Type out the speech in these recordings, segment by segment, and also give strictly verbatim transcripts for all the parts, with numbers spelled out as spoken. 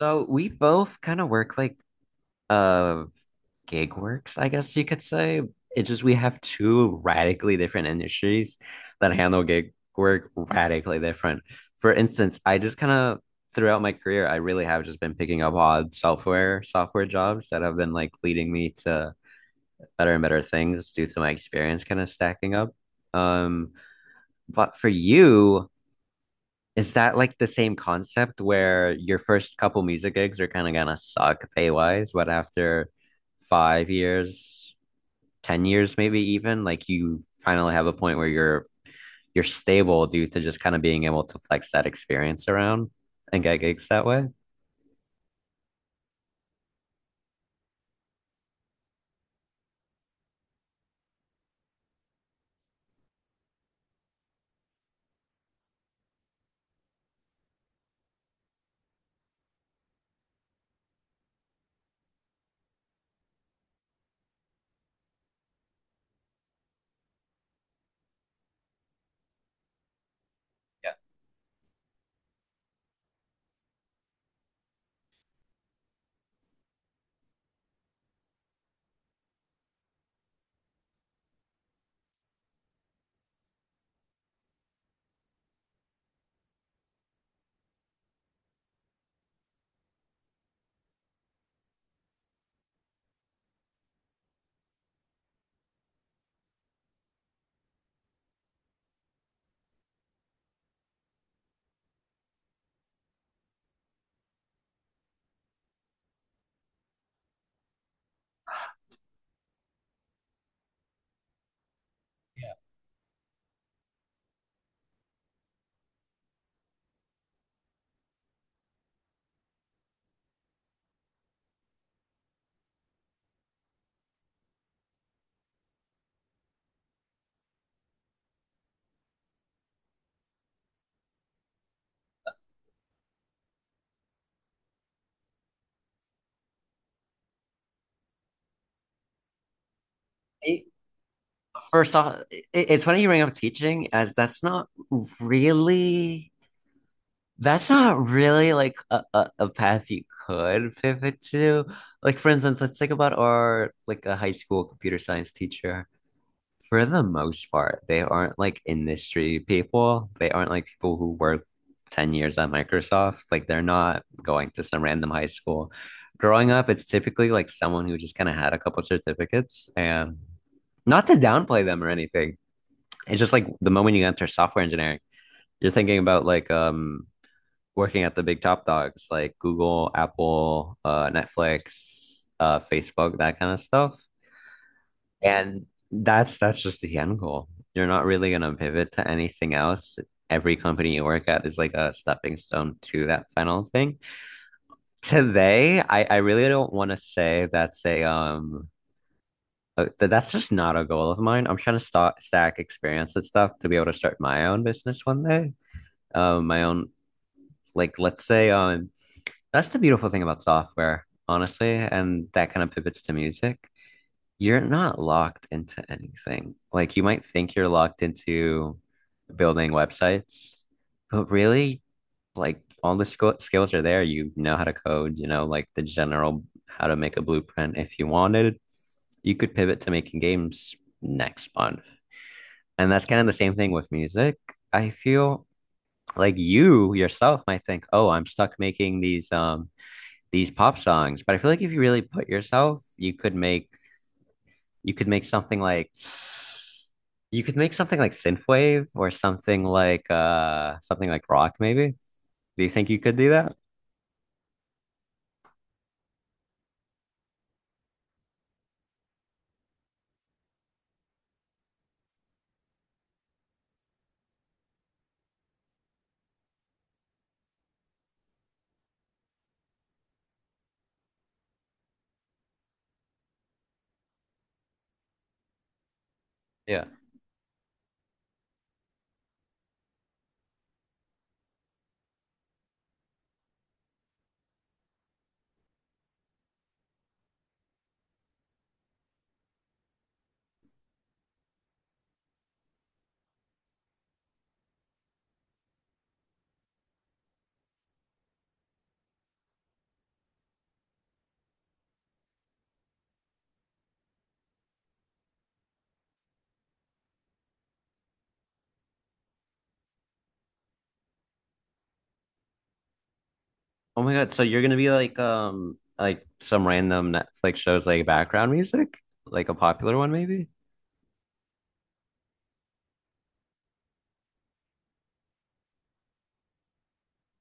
So we both kind of work like uh gig works, I guess you could say. It's just we have two radically different industries that handle gig work radically different. For instance, I just kind of throughout my career, I really have just been picking up odd software software jobs that have been like leading me to better and better things due to my experience kind of stacking up. Um, but for you, is that like the same concept where your first couple music gigs are kind of gonna suck pay-wise, but after five years, ten years maybe even, like you finally have a point where you're you're stable due to just kind of being able to flex that experience around and get gigs that way? It, First off, it, it's funny you bring up teaching, as that's not really that's not really like a, a, a path you could pivot to. Like for instance, let's think about our like a high school computer science teacher. For the most part, they aren't like industry people. They aren't like people who work ten years at Microsoft. Like they're not going to some random high school. Growing up, it's typically like someone who just kind of had a couple certificates, and not to downplay them or anything. It's just like the moment you enter software engineering, you're thinking about like um working at the big top dogs like Google, Apple, uh, Netflix, uh, Facebook, that kind of stuff. And that's that's just the end goal. You're not really gonna pivot to anything else. Every company you work at is like a stepping stone to that final thing. Today, I, I really don't want to say that's a um uh, th- that's just not a goal of mine. I'm trying to st stack experience and stuff to be able to start my own business one day. Um, my own like let's say um that's the beautiful thing about software, honestly, and that kind of pivots to music. You're not locked into anything. Like you might think you're locked into building websites, but really, like all the skill skills are there. You know how to code, you know, like the general how to make a blueprint. If you wanted, you could pivot to making games next month. And that's kind of the same thing with music. I feel like you yourself might think, "Oh, I'm stuck making these um these pop songs." But I feel like if you really put yourself, you could make you could make something like you could make something like synthwave or something like uh something like rock maybe. Do you think you could do that? Yeah. Oh my God, so you're gonna be like um like some random Netflix shows like background music? Like a popular one maybe?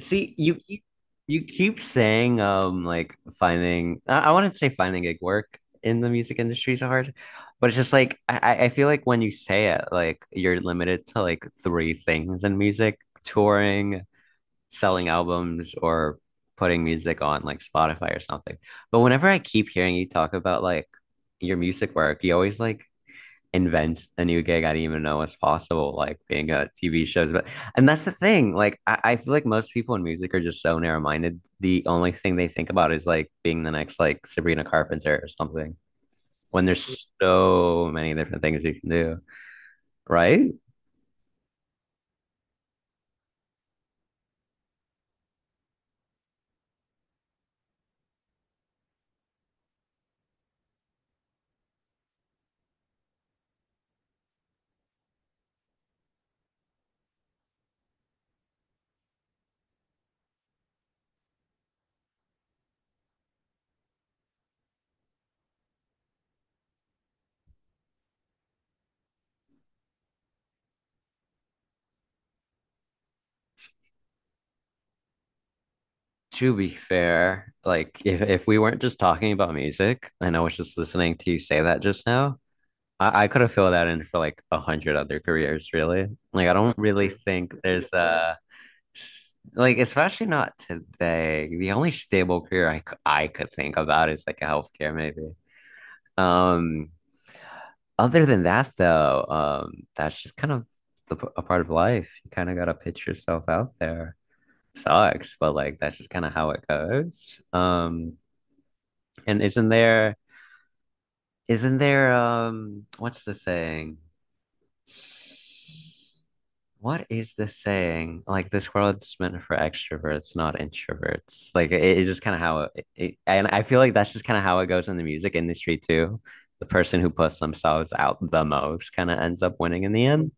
See, you keep you keep saying um like finding I, I wouldn't say finding gig work in the music industry is so hard, but it's just like I, I I feel like when you say it, like you're limited to like three things in music, touring, selling albums, or putting music on like Spotify or something. But whenever I keep hearing you talk about like your music work, you always like invent a new gig I didn't even know was possible, like being a T V shows. But And that's the thing. Like I, I feel like most people in music are just so narrow-minded. The only thing they think about is like being the next like Sabrina Carpenter or something. When there's so many different things you can do, right? To be fair, like if, if we weren't just talking about music and I was just listening to you say that just now, I, I could have filled that in for like a hundred other careers, really. Like I don't really think there's a s- like especially not today. The only stable career I, c- I could think about is like a healthcare maybe. Um, other than that though, um, that's just kind of the, p- a part of life. You kind of gotta pitch yourself out there. Sucks, but like that's just kind of how it goes. Um, And isn't there isn't there um what's the saying? What is the saying? Like this world's meant for extroverts, not introverts. Like it, it's just kind of how it, it, and I feel like that's just kind of how it goes in the music industry too. The person who puts themselves out the most kind of ends up winning in the end.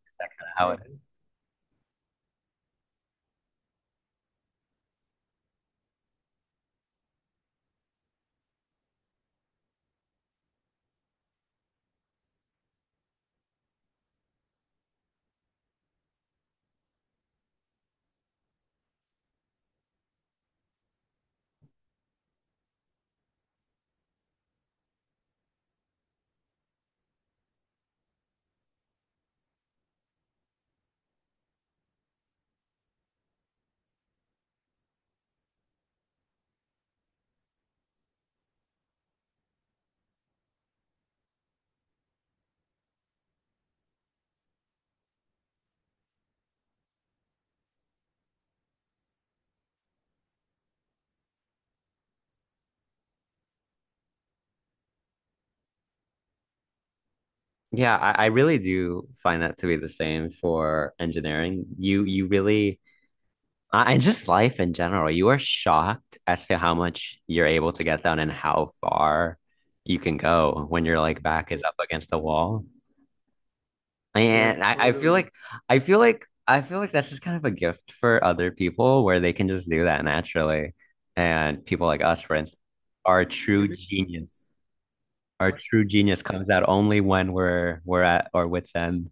How it, yeah, I, I really do find that to be the same for engineering. You you really Uh, and just life in general, you are shocked as to how much you're able to get done and how far you can go when your like back is up against the wall. Yeah. And I, I feel totally. Like I feel like I feel like that's just kind of a gift for other people where they can just do that naturally. And people like us, for instance, our true genius, our true genius comes out only when we're we're at our wits' end.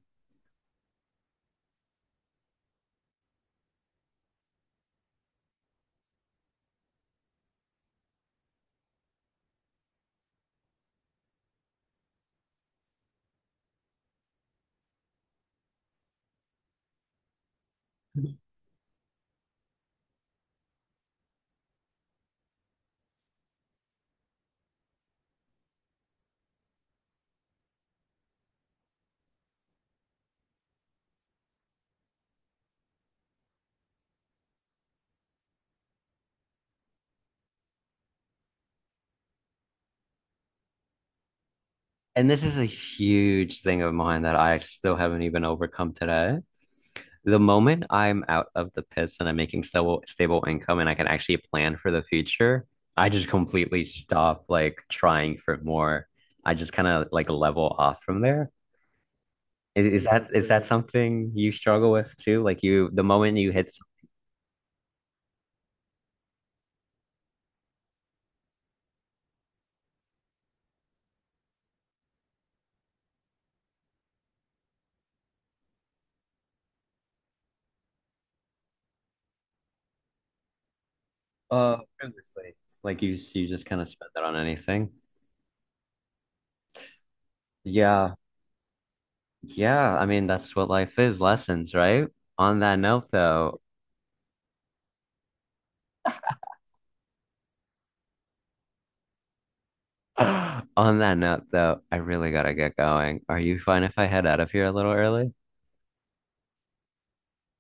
And this is a huge thing of mine that I still haven't even overcome today. The moment I'm out of the pits and I'm making stable stable income and I can actually plan for the future, I just completely stop like trying for more. I just kind of like level off from there. Is, is that is that something you struggle with too? Like you, the moment you hit, some- uh, previously, like you you just kind of spend that on anything. Yeah, yeah. I mean, that's what life is, lessons, right? On that note, though, On that note, though, I really gotta get going. Are you fine if I head out of here a little early?